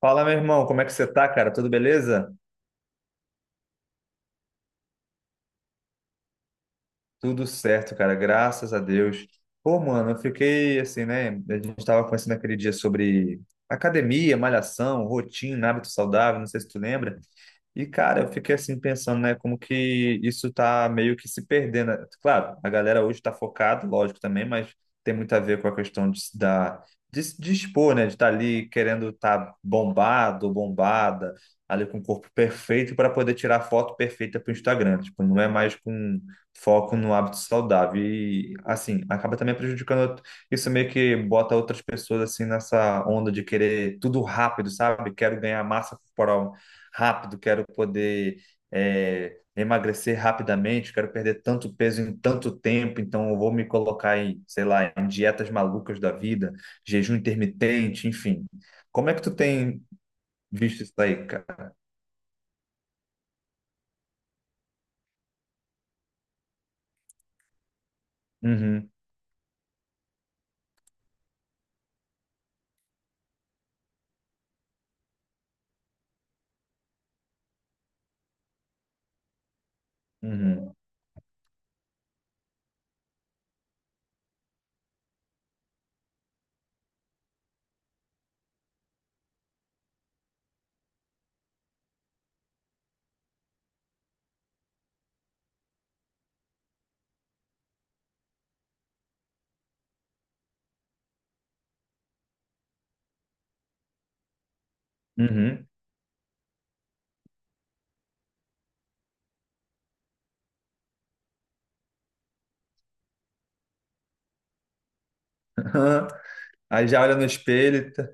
Fala, meu irmão, como é que você tá, cara? Tudo beleza? Tudo certo, cara, graças a Deus. Pô, mano, eu fiquei assim, né? A gente tava conversando aquele dia sobre academia, malhação, rotina, hábito saudável, não sei se tu lembra. E, cara, eu fiquei assim pensando, né, como que isso tá meio que se perdendo. Claro, a galera hoje tá focada, lógico também, mas tem muito a ver com a questão de, se dispor, né, de estar ali querendo estar bombado, bombada, ali com o corpo perfeito para poder tirar foto perfeita para o Instagram. Tipo, não é mais com foco no hábito saudável. E, assim, acaba também prejudicando. Isso meio que bota outras pessoas, assim, nessa onda de querer tudo rápido, sabe? Quero ganhar massa corporal rápido, quero poder emagrecer rapidamente, quero perder tanto peso em tanto tempo, então eu vou me colocar em, sei lá, em dietas malucas da vida, jejum intermitente, enfim. Como é que tu tem visto isso aí, cara? Uhum, uhum, uhum. Aí já olha no espelho, tá-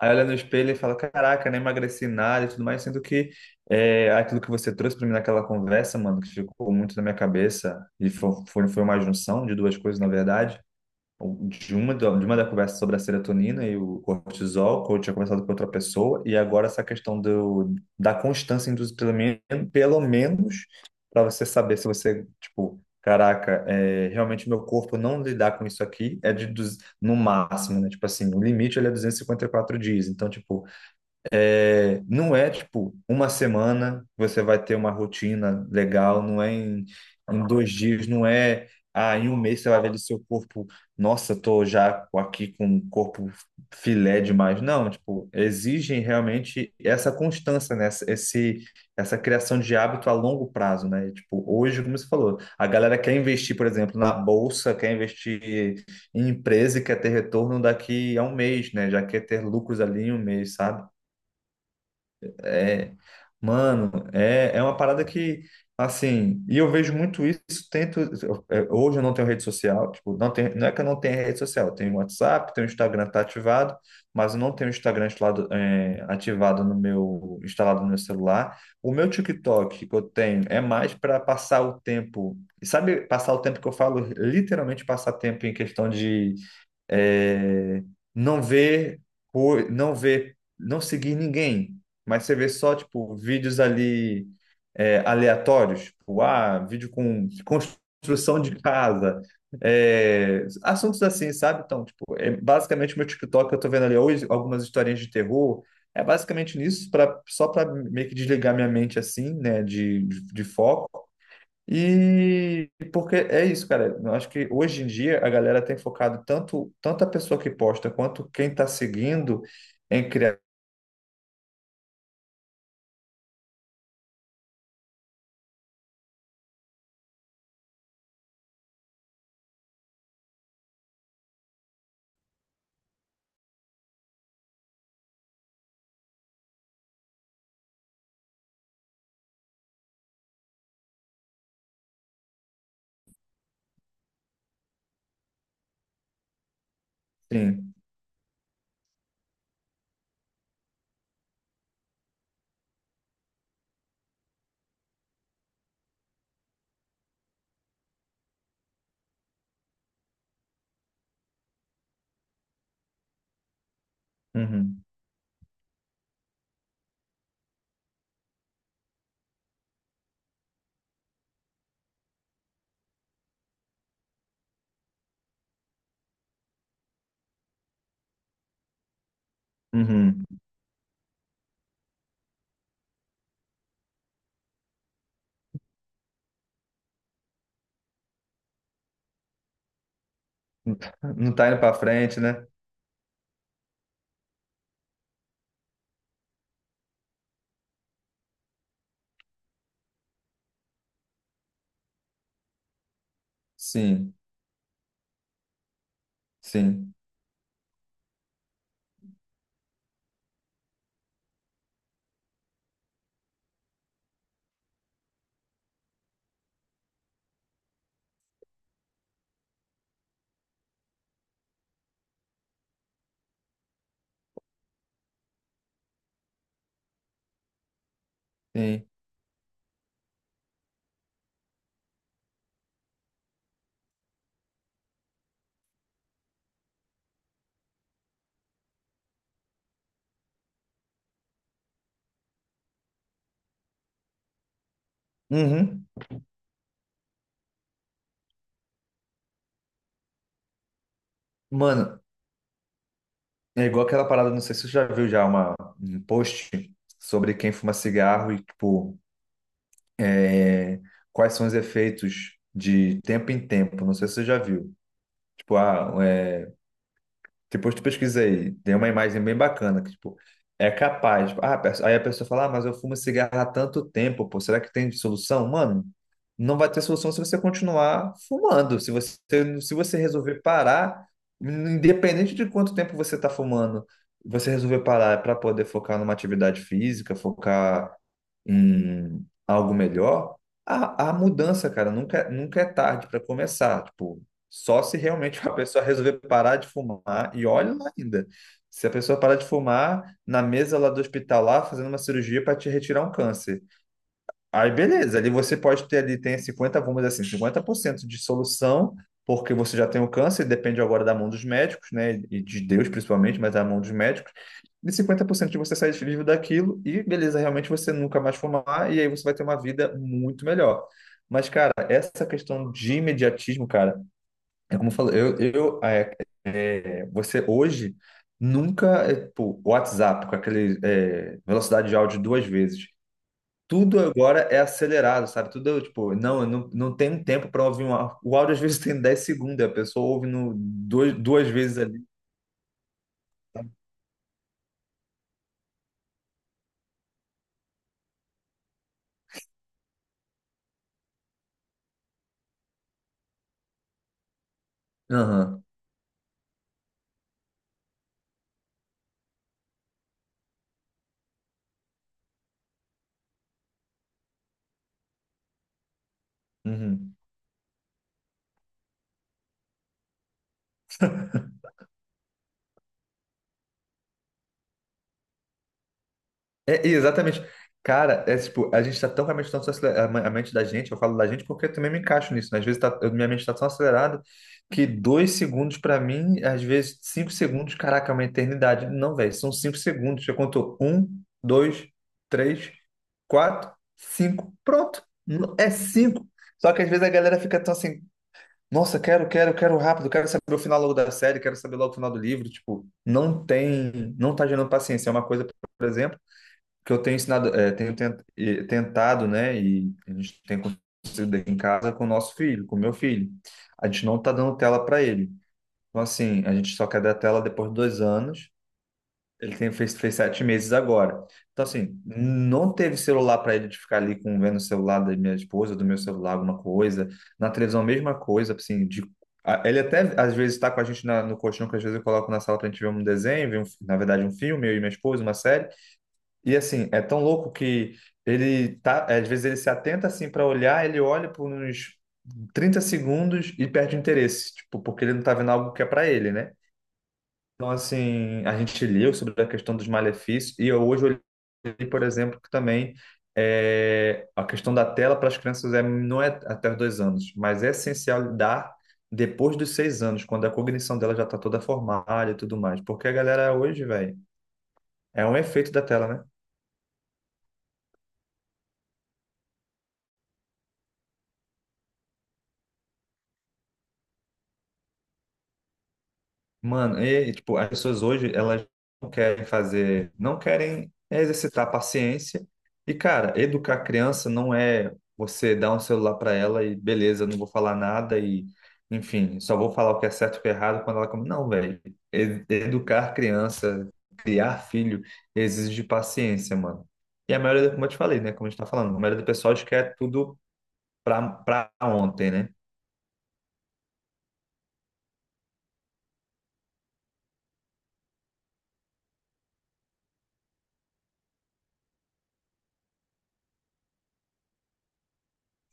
Aí olha no espelho e fala, caraca, nem emagreci nada e tudo mais, sendo que aquilo que você trouxe para mim naquela conversa, mano, que ficou muito na minha cabeça, e foi, uma junção de duas coisas, na verdade, de uma da conversa sobre a serotonina e o cortisol, que eu tinha conversado com outra pessoa, e agora essa questão da constância induzida, pelo menos, para você saber se você, tipo, caraca, realmente meu corpo não lidar com isso aqui, é de, no máximo, né? Tipo assim, o limite ele é 254 dias, então, tipo, não é tipo uma semana que você vai ter uma rotina legal, não é em 2 dias, não é em um mês você vai ver ali seu corpo, nossa, tô já aqui com um corpo filé demais. Não, tipo, exigem realmente essa constância, né? Essa criação de hábito a longo prazo, né? E, tipo, hoje, como você falou, a galera quer investir, por exemplo, na bolsa, quer investir em empresa e quer ter retorno daqui a um mês, né? Já quer ter lucros ali em um mês, sabe? É, mano, é uma parada que, assim, e eu vejo muito isso, tento, hoje eu não tenho rede social, tipo, não tem, não é que eu não tenha rede social, eu tenho WhatsApp, tenho Instagram tá ativado, mas eu não tenho o Instagram instalado, ativado no meu, instalado no meu celular. O meu TikTok que eu tenho é mais para passar o tempo, e sabe, passar o tempo que eu falo, literalmente passar tempo em questão é, não ver, não ver, não seguir ninguém, mas você vê só tipo vídeos ali aleatórios, tipo, ah, vídeo com construção de casa, assuntos assim, sabe? Então, tipo, é basicamente meu TikTok, eu tô vendo ali hoje algumas historinhas de terror. É basicamente nisso, pra, só para meio que desligar minha mente assim, né, de foco. E porque é isso, cara. Eu acho que hoje em dia a galera tem focado tanto, tanto a pessoa que posta quanto quem está seguindo em criar. Sim. Uhum. Uhum. Não tá indo pra frente, né? Sim, sim, sim. Uhum. Mano, é igual aquela parada, não sei se você já viu já um post sobre quem fuma cigarro e, tipo, é, quais são os efeitos de tempo em tempo. Não sei se você já viu. Tipo, depois tu pesquisa aí, tem uma imagem bem bacana, que, tipo, é capaz. Tipo, ah, aí a pessoa fala, ah, mas eu fumo cigarro há tanto tempo, pô, será que tem solução? Mano, não vai ter solução se você continuar fumando. Se você resolver parar, independente de quanto tempo você está fumando, você resolver parar para poder focar numa atividade física, focar em algo melhor, a mudança, cara, nunca, nunca é tarde para começar. Tipo, só se realmente a pessoa resolver parar de fumar, e olha lá ainda. Se a pessoa parar de fumar na mesa lá do hospital, lá, fazendo uma cirurgia para te retirar um câncer. Aí, beleza, ali você pode ter ali, tem 50, vamos dizer assim, 50% de solução, porque você já tem o câncer, depende agora da mão dos médicos, né? E de Deus principalmente, mas da mão dos médicos. E 50% de você sair vivo daquilo, e beleza, realmente você nunca mais fumar, e aí você vai ter uma vida muito melhor. Mas, cara, essa questão de imediatismo, cara, é como eu falo, eu você hoje nunca, pô, WhatsApp, com aquele velocidade de áudio 2 vezes. Tudo agora é acelerado, sabe? Tudo, tipo, não tem um tempo para ouvir uma. O áudio às vezes tem 10 segundos, a pessoa ouve no, dois, 2 vezes ali. Aham. Uhum. É, e exatamente. Cara, é tipo, a gente tá tão realmente tão acelerado, a mente da gente, eu falo da gente porque eu também me encaixo nisso, né? Às vezes tá, minha mente tá tão acelerada que 2 segundos pra mim, às vezes 5 segundos, caraca, é uma eternidade. Não, velho, são 5 segundos. Eu conto um, dois, três, quatro, cinco, pronto. É cinco. Só que às vezes a galera fica tão assim, nossa, quero, quero, quero rápido, quero saber o final logo da série, quero saber logo o final do livro. Tipo, não tem, não tá gerando paciência. É uma coisa, por exemplo que eu tenho ensinado, tenho tentado, né, e a gente tem conseguido aqui em casa com o nosso filho, com o meu filho. A gente não está dando tela para ele. Então, assim, a gente só quer dar tela depois de 2 anos. Ele fez 7 meses agora. Então, assim, não teve celular para ele de ficar ali com, vendo o celular da minha esposa, do meu celular, alguma coisa. Na televisão, mesma coisa, assim, Ele até às vezes está com a gente no colchão, que às vezes eu coloco na sala para a gente ver um desenho, ver um na verdade um filme, eu e minha esposa, uma série. E assim, é tão louco que ele tá, às vezes ele se atenta assim para olhar, ele olha por uns 30 segundos e perde o interesse, tipo, porque ele não tá vendo algo que é para ele, né? Então assim, a gente leu sobre a questão dos malefícios e eu hoje olhei, por exemplo, que também a questão da tela para as crianças não é até os 2 anos, mas é essencial dar depois dos 6 anos, quando a cognição dela já tá toda formada e tudo mais, porque a galera hoje, velho, é um efeito da tela, né? Mano, e tipo, as pessoas hoje, elas não querem fazer, não querem exercitar paciência. E, cara, educar a criança não é você dar um celular para ela e beleza, não vou falar nada e, enfim, só vou falar o que é certo e o que é errado quando ela come. Não, velho. Educar a criança, criar filho, exige paciência, mano. E a maioria, como eu te falei, né? Como a gente tá falando, a maioria do pessoal acho que é tudo pra ontem, né?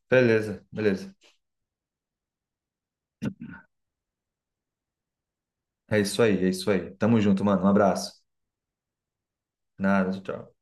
Beleza, beleza. É isso aí, é isso aí. Tamo junto, mano. Um abraço. Nada, tchau.